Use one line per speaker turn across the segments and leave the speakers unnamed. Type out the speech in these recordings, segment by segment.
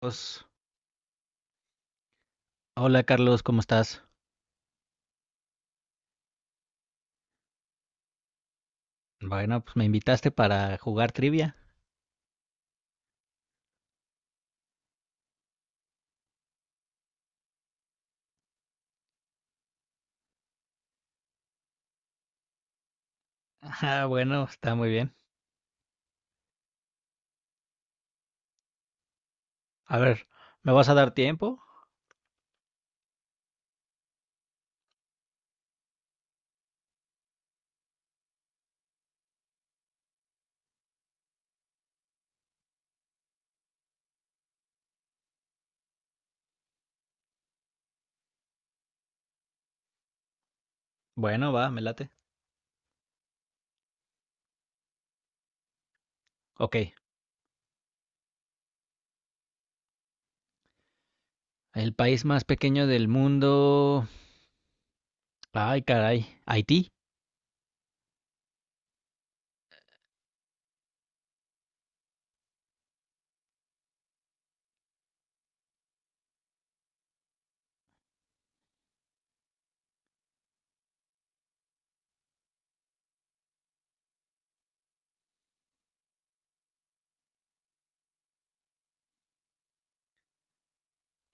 Pues, hola Carlos, ¿cómo estás? Bueno, pues me invitaste para jugar trivia. Ah, bueno, está muy bien. A ver, ¿me vas a dar tiempo? Bueno, va, me late. Ok, el país más pequeño del mundo. Ay, caray, Haití.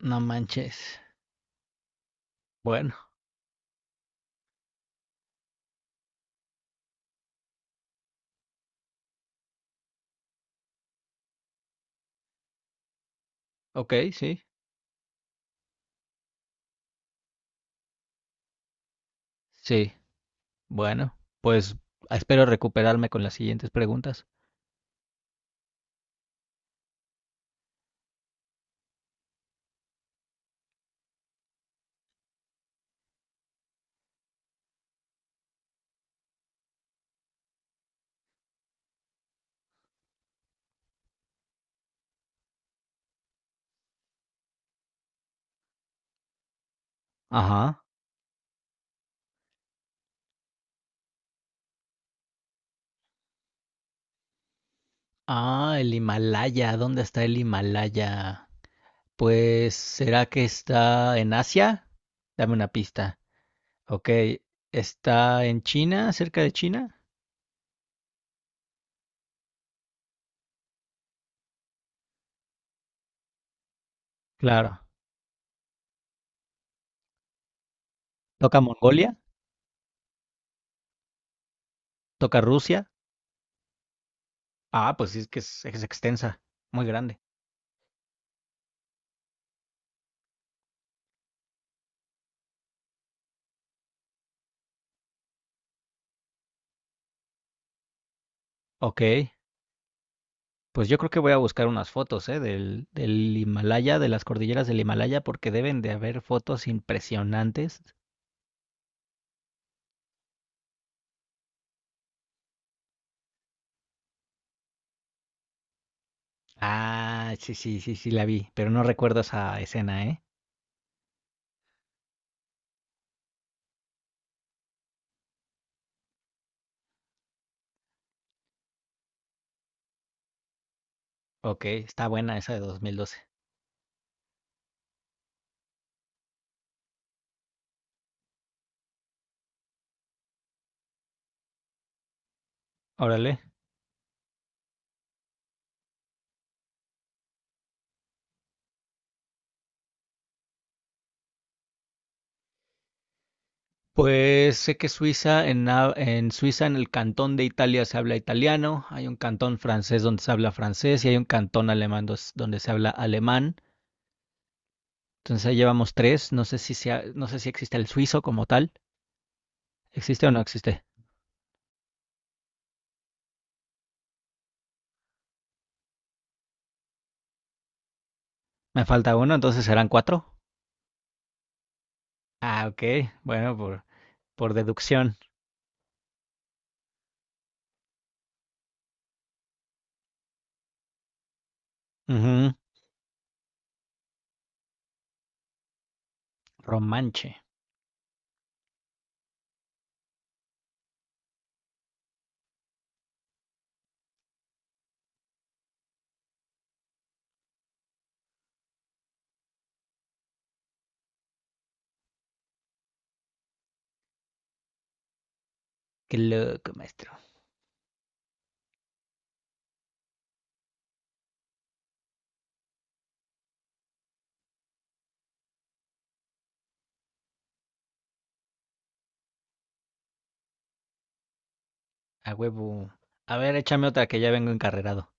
No manches. Bueno, ok, sí. Sí, bueno, pues espero recuperarme con las siguientes preguntas. Ajá. Ah, el Himalaya. ¿Dónde está el Himalaya? Pues, ¿será que está en Asia? Dame una pista. Ok, ¿está en China, cerca de China? Claro. ¿Toca Mongolia? ¿Toca Rusia? Ah, pues sí, es que es extensa, muy grande. Ok, pues yo creo que voy a buscar unas fotos, ¿eh? Del Himalaya, de las cordilleras del Himalaya, porque deben de haber fotos impresionantes. Ah, sí, sí, sí, sí, la vi, pero no recuerdo esa escena, ¿eh? Ok, está buena esa de 2012. Órale. Pues sé que Suiza, en Suiza, en el cantón de Italia se habla italiano, hay un cantón francés donde se habla francés y hay un cantón alemán donde se habla alemán. Entonces ahí llevamos tres. No sé si existe el suizo como tal. ¿Existe o no existe? Me falta uno, entonces serán cuatro. Ah, ok. Bueno, por deducción. Ujú. Romanche. Qué loco, maestro. A huevo. A ver, échame otra que ya vengo encarrerado.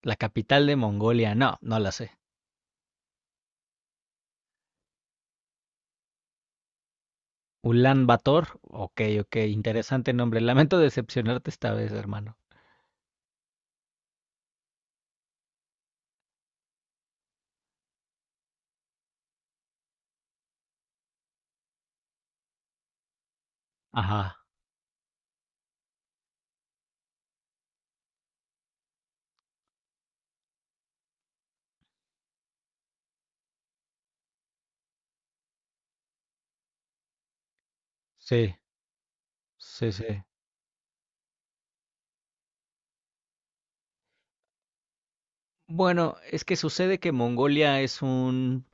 La capital de Mongolia. No, no la sé. Ulan Bator. Ok, ok, interesante nombre. Lamento decepcionarte esta vez, hermano. Ajá, sí, sí, sí. Bueno, es que sucede que Mongolia es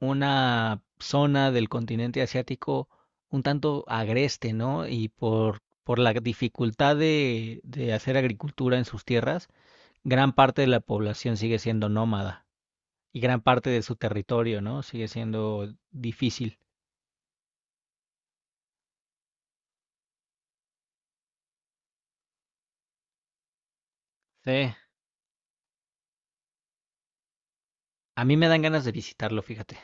una zona del continente asiático un tanto agreste, ¿no? Y por la dificultad de hacer agricultura en sus tierras, gran parte de la población sigue siendo nómada y gran parte de su territorio, ¿no? Sigue siendo difícil. Sí. A mí me dan ganas de visitarlo, fíjate.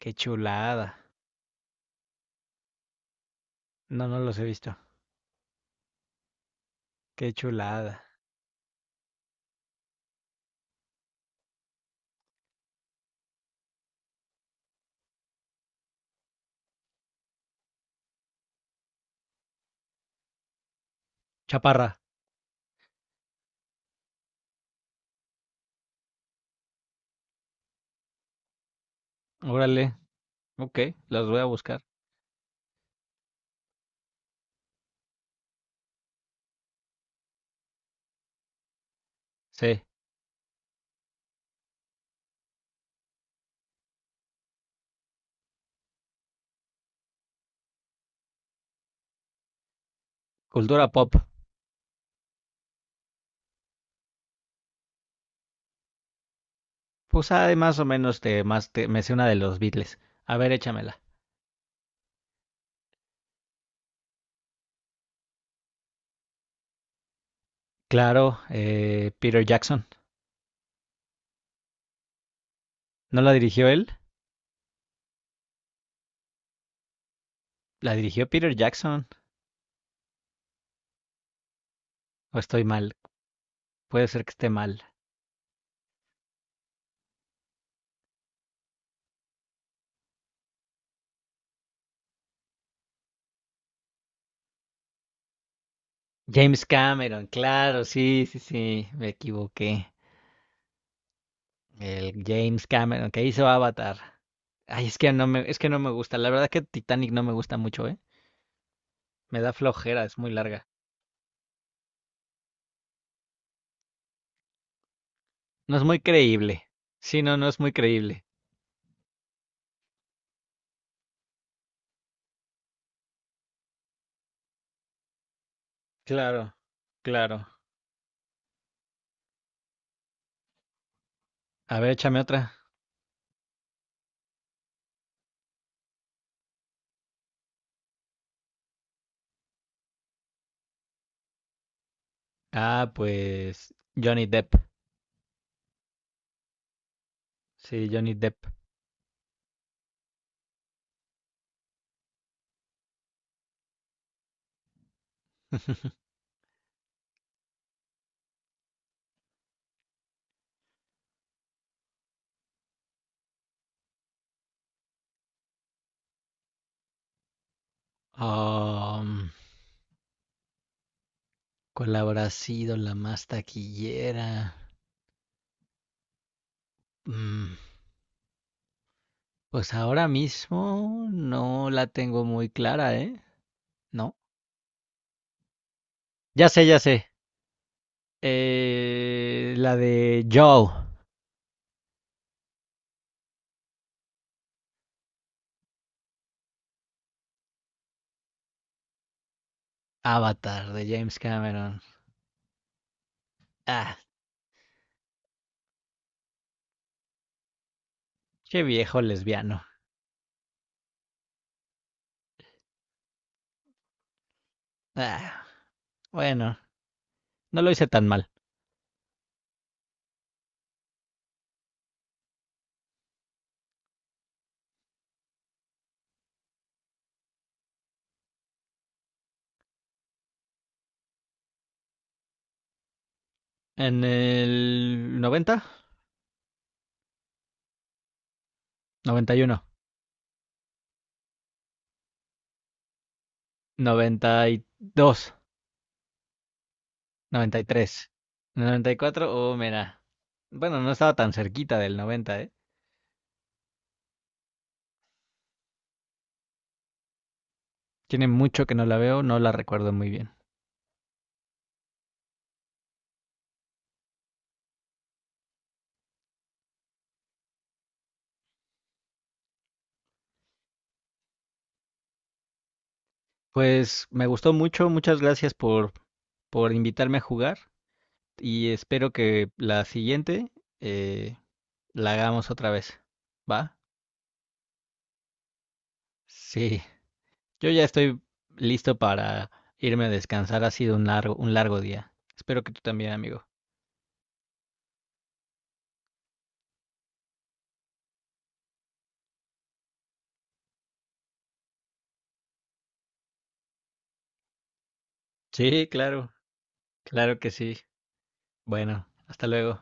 Qué chulada. No, no los he visto. Qué chulada. Chaparra. Órale. Ok, las voy a buscar. Sí. Cultura pop. Pues hay más o menos me sé una de los Beatles. A ver, échamela. Claro, Peter Jackson. ¿No la dirigió él? La dirigió Peter Jackson. O estoy mal. Puede ser que esté mal. James Cameron, claro, sí, sí, sí, me equivoqué. El James Cameron que hizo Avatar. Ay, es que no me gusta. La verdad que Titanic no me gusta mucho, ¿eh? Me da flojera, es muy larga. No es muy creíble. Sí, no, no es muy creíble. Claro, claro. A ver, échame otra. Ah, pues Johnny Depp. Sí, Johnny Depp. Um, ¿Cuál habrá sido la más taquillera? Mm, pues ahora mismo no la tengo muy clara, ¿eh? No. Ya sé, ya sé. La de Joe, Avatar de James Cameron. Ah, qué viejo lesbiano. Ah. Bueno, no lo hice tan mal. En el 90, 91, 92, 93, 94, oh, mira. Bueno, no estaba tan cerquita del 90, ¿eh? Tiene mucho que no la veo, no la recuerdo muy bien. Pues me gustó mucho, muchas gracias por invitarme a jugar y espero que la siguiente eh, la hagamos otra vez. ¿Va? Sí. Yo ya estoy listo para irme a descansar. Ha sido un largo día. Espero que tú también, amigo. Sí, claro, claro que sí. Bueno, hasta luego.